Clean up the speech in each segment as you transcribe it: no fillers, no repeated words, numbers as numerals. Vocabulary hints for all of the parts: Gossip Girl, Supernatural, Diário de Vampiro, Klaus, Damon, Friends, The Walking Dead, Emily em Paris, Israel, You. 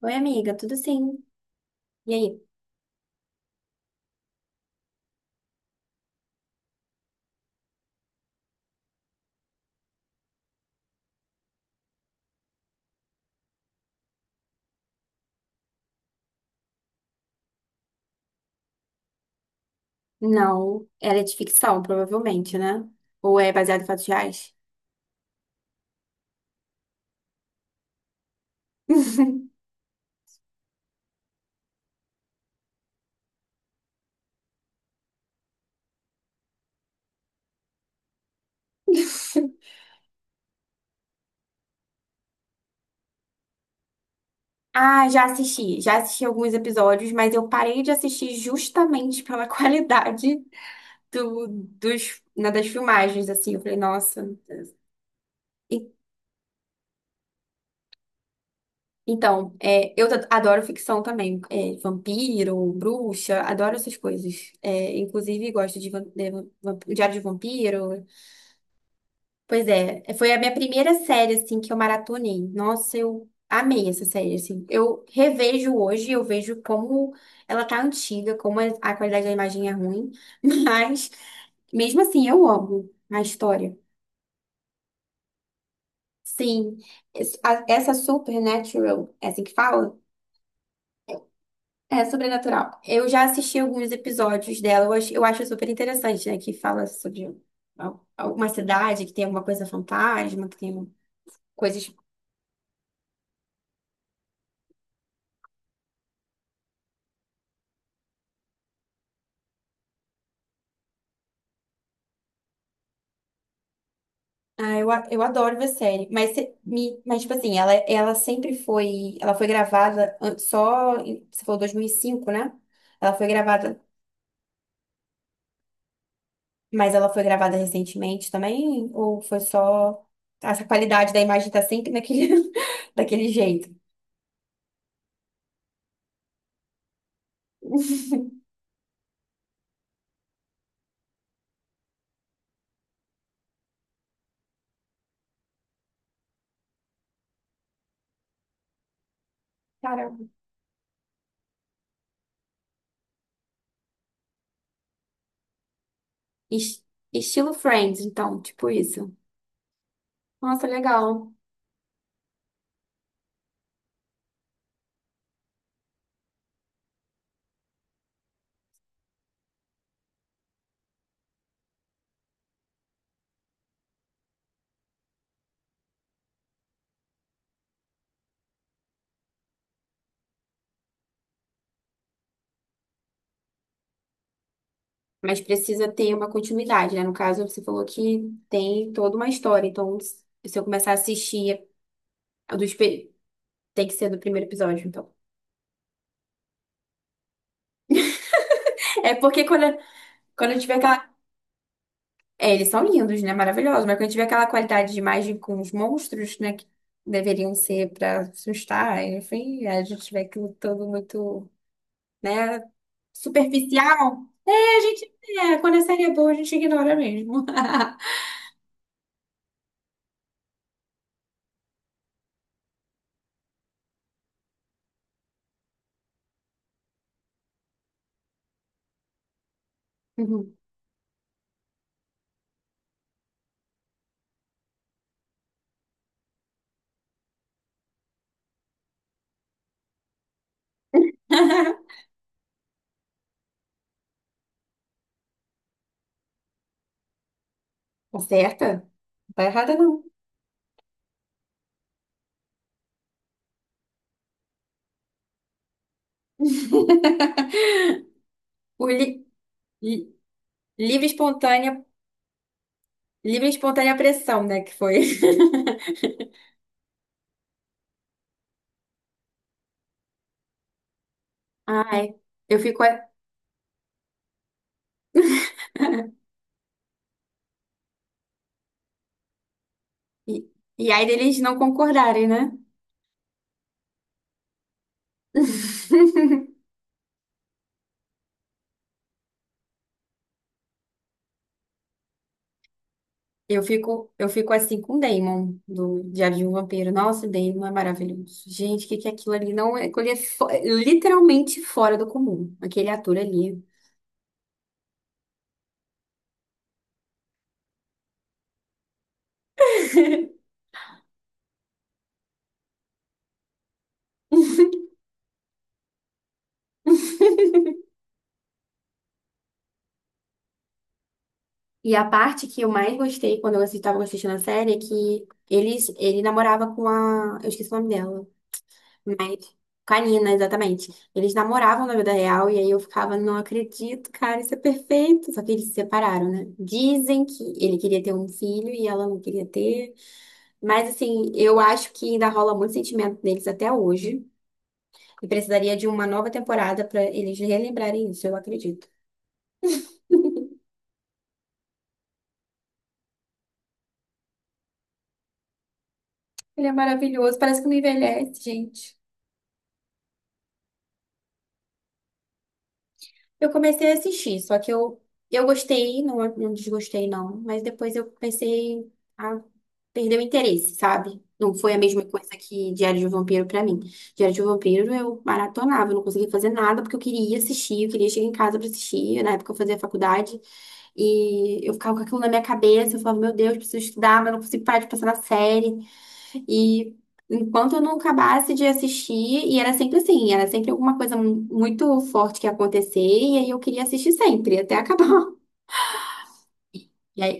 Oi, amiga, tudo sim? E aí? Não, ela é de ficção, provavelmente, né? Ou é baseado em fatos reais? Ah, já assisti. Já assisti alguns episódios, mas eu parei de assistir justamente pela qualidade dos, né, das filmagens, assim. Eu falei, nossa. E- então, é, eu adoro ficção também. É, vampiro, bruxa, adoro essas coisas. É, inclusive, gosto de, Diário de Vampiro. Pois é, foi a minha primeira série, assim, que eu maratonei. Nossa, eu amei essa série, assim. Eu revejo hoje, eu vejo como ela tá antiga, como a qualidade da imagem é ruim, mas mesmo assim eu amo a história. Sim, essa Supernatural, é assim que fala? É sobrenatural. Eu já assisti alguns episódios dela, eu acho super interessante, né? Que fala sobre alguma cidade que tem alguma coisa fantasma, que tem coisas. Ah, eu adoro ver série, mas, mas tipo assim, ela sempre foi, ela foi gravada você falou 2005, né? Ela foi gravada, mas ela foi gravada recentemente também, ou foi só, essa qualidade da imagem tá sempre naquele, daquele jeito? Caramba. Es- Estilo Friends, então, tipo isso. Nossa, legal. Mas precisa ter uma continuidade, né? No caso, você falou que tem toda uma história. Então, se eu começar a assistir a dos. Tem que ser do primeiro episódio, então. É porque quando, é, quando a gente aquela. É, eles são lindos, né? Maravilhosos. Mas quando a gente aquela qualidade de imagem com os monstros, né? Que deveriam ser pra assustar, enfim, a gente tiver aquilo todo muito, né? Superficial. É, a gente. É, quando a série é boa, a gente ignora mesmo. Uhum. Acerta? Não tá errada, não. O li- li- Livre espontânea, livre espontânea pressão, né? Que foi. Ai, eu fico. E, e aí deles não concordarem, né? Eu fico assim com o Damon, do Diário de um Vampiro. Nossa, Damon é maravilhoso. Gente, o que que é aquilo ali? Não, aquilo ali é literalmente fora do comum, aquele ator ali. E a parte que eu mais gostei quando eu estava assistindo a série é que eles, ele namorava com a. Eu esqueci o nome dela. Mas, canina, exatamente. Eles namoravam na vida real e aí eu ficava, não acredito, cara, isso é perfeito. Só que eles se separaram, né? Dizem que ele queria ter um filho e ela não queria ter. Mas, assim, eu acho que ainda rola muito sentimento deles até hoje. E precisaria de uma nova temporada pra eles relembrarem isso, eu acredito. Ele é maravilhoso, parece que não envelhece, gente. Eu comecei a assistir, só que eu gostei, não, não desgostei, não. Mas depois eu comecei a perder o interesse, sabe? Não foi a mesma coisa que Diário de um Vampiro pra mim. Diário de um Vampiro eu maratonava, eu não conseguia fazer nada porque eu queria assistir, eu queria chegar em casa pra assistir. Na época eu fazia faculdade e eu ficava com aquilo na minha cabeça, eu falava, meu Deus, preciso estudar, mas não consigo parar de pensar na série. E enquanto eu não acabasse de assistir, e era sempre assim, era sempre alguma coisa muito forte que ia acontecer, e aí eu queria assistir sempre, até acabar. E aí,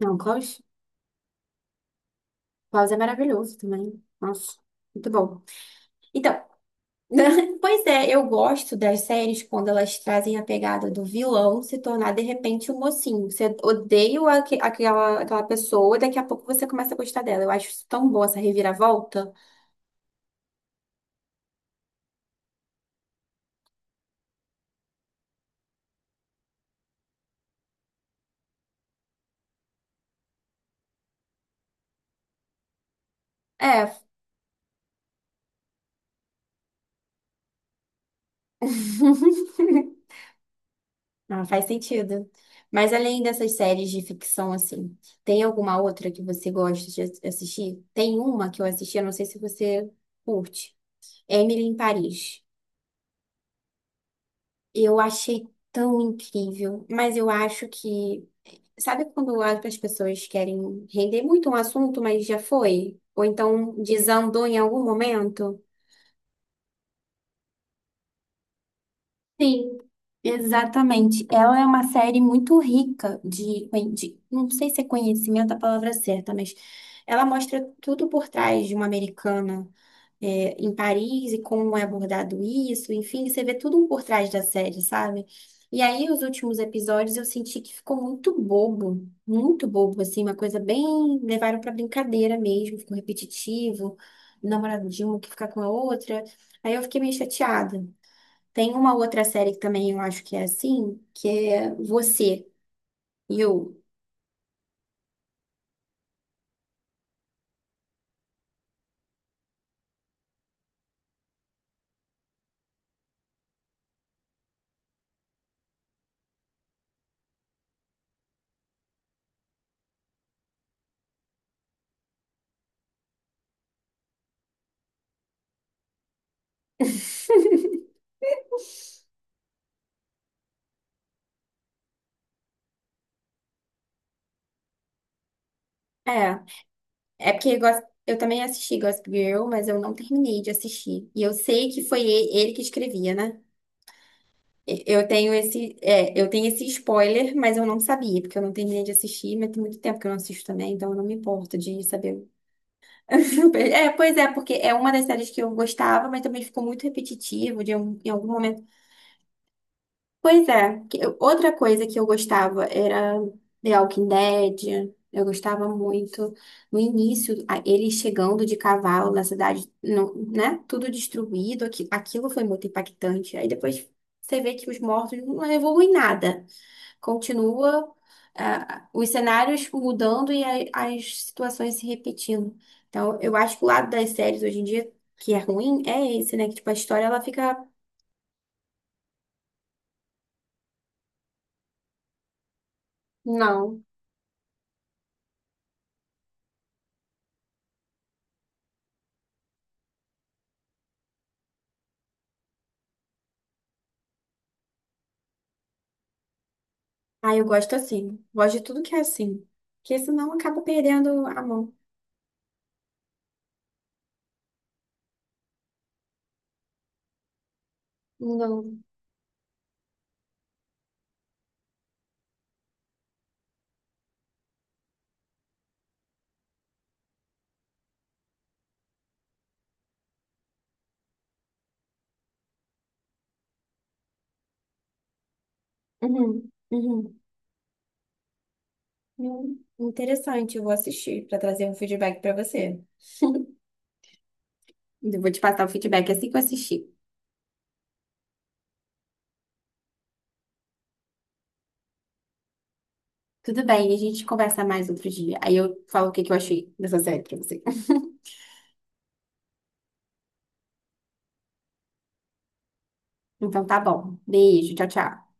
não, Klaus, Klaus é maravilhoso também. Nossa, muito bom. Então, pois é, eu gosto das séries quando elas trazem a pegada do vilão se tornar de repente o mocinho. Você odeia aquela, aquela pessoa, daqui a pouco você começa a gostar dela. Eu acho isso tão bom, essa reviravolta. É. Não, faz sentido. Mas além dessas séries de ficção, assim, tem alguma outra que você gosta de assistir? Tem uma que eu assisti, eu não sei se você curte. Emily em Paris. Eu achei tão incrível, mas eu acho que. Sabe quando as pessoas querem render muito um assunto, mas já foi? Ou então desandou em algum momento? Sim, exatamente. Ela é uma série muito rica de, não sei se é conhecimento a palavra certa, mas ela mostra tudo por trás de uma americana é, em Paris e como é abordado isso, enfim, você vê tudo um por trás da série, sabe? E aí, os últimos episódios eu senti que ficou muito bobo, assim, uma coisa bem. Levaram pra brincadeira mesmo, ficou repetitivo, namorado de uma que fica com a outra. Aí eu fiquei meio chateada. Tem uma outra série que também eu acho que é assim, que é Você, You. É, é porque eu também assisti Gossip Girl, mas eu não terminei de assistir. E eu sei que foi ele que escrevia, né? Eu tenho esse, é, eu tenho esse spoiler, mas eu não sabia, porque eu não terminei de assistir, mas tem muito tempo que eu não assisto também, então eu não me importo de saber. É, pois é, porque é uma das séries que eu gostava, mas também ficou muito repetitivo, em algum momento. Pois é, outra coisa que eu gostava era The Walking Dead. Eu gostava muito no início, ele chegando de cavalo na cidade, não, né? Tudo destruído, aquilo foi muito impactante. Aí depois você vê que os mortos não evoluem nada. Continua, ah, os cenários mudando e as situações se repetindo. Então, eu acho que o lado das séries hoje em dia que é ruim é esse, né? Que tipo, a história ela fica. Não. Ah, eu gosto assim. Gosto de tudo que é assim. Porque senão acaba perdendo a mão. Não. Uhum. Uhum. Interessante, eu vou assistir para trazer um feedback para você. Eu vou te passar o feedback assim que eu assistir. Tudo bem, a gente conversa mais outro dia. Aí eu falo o que que eu achei dessa série pra você. Então tá bom. Beijo, tchau, tchau.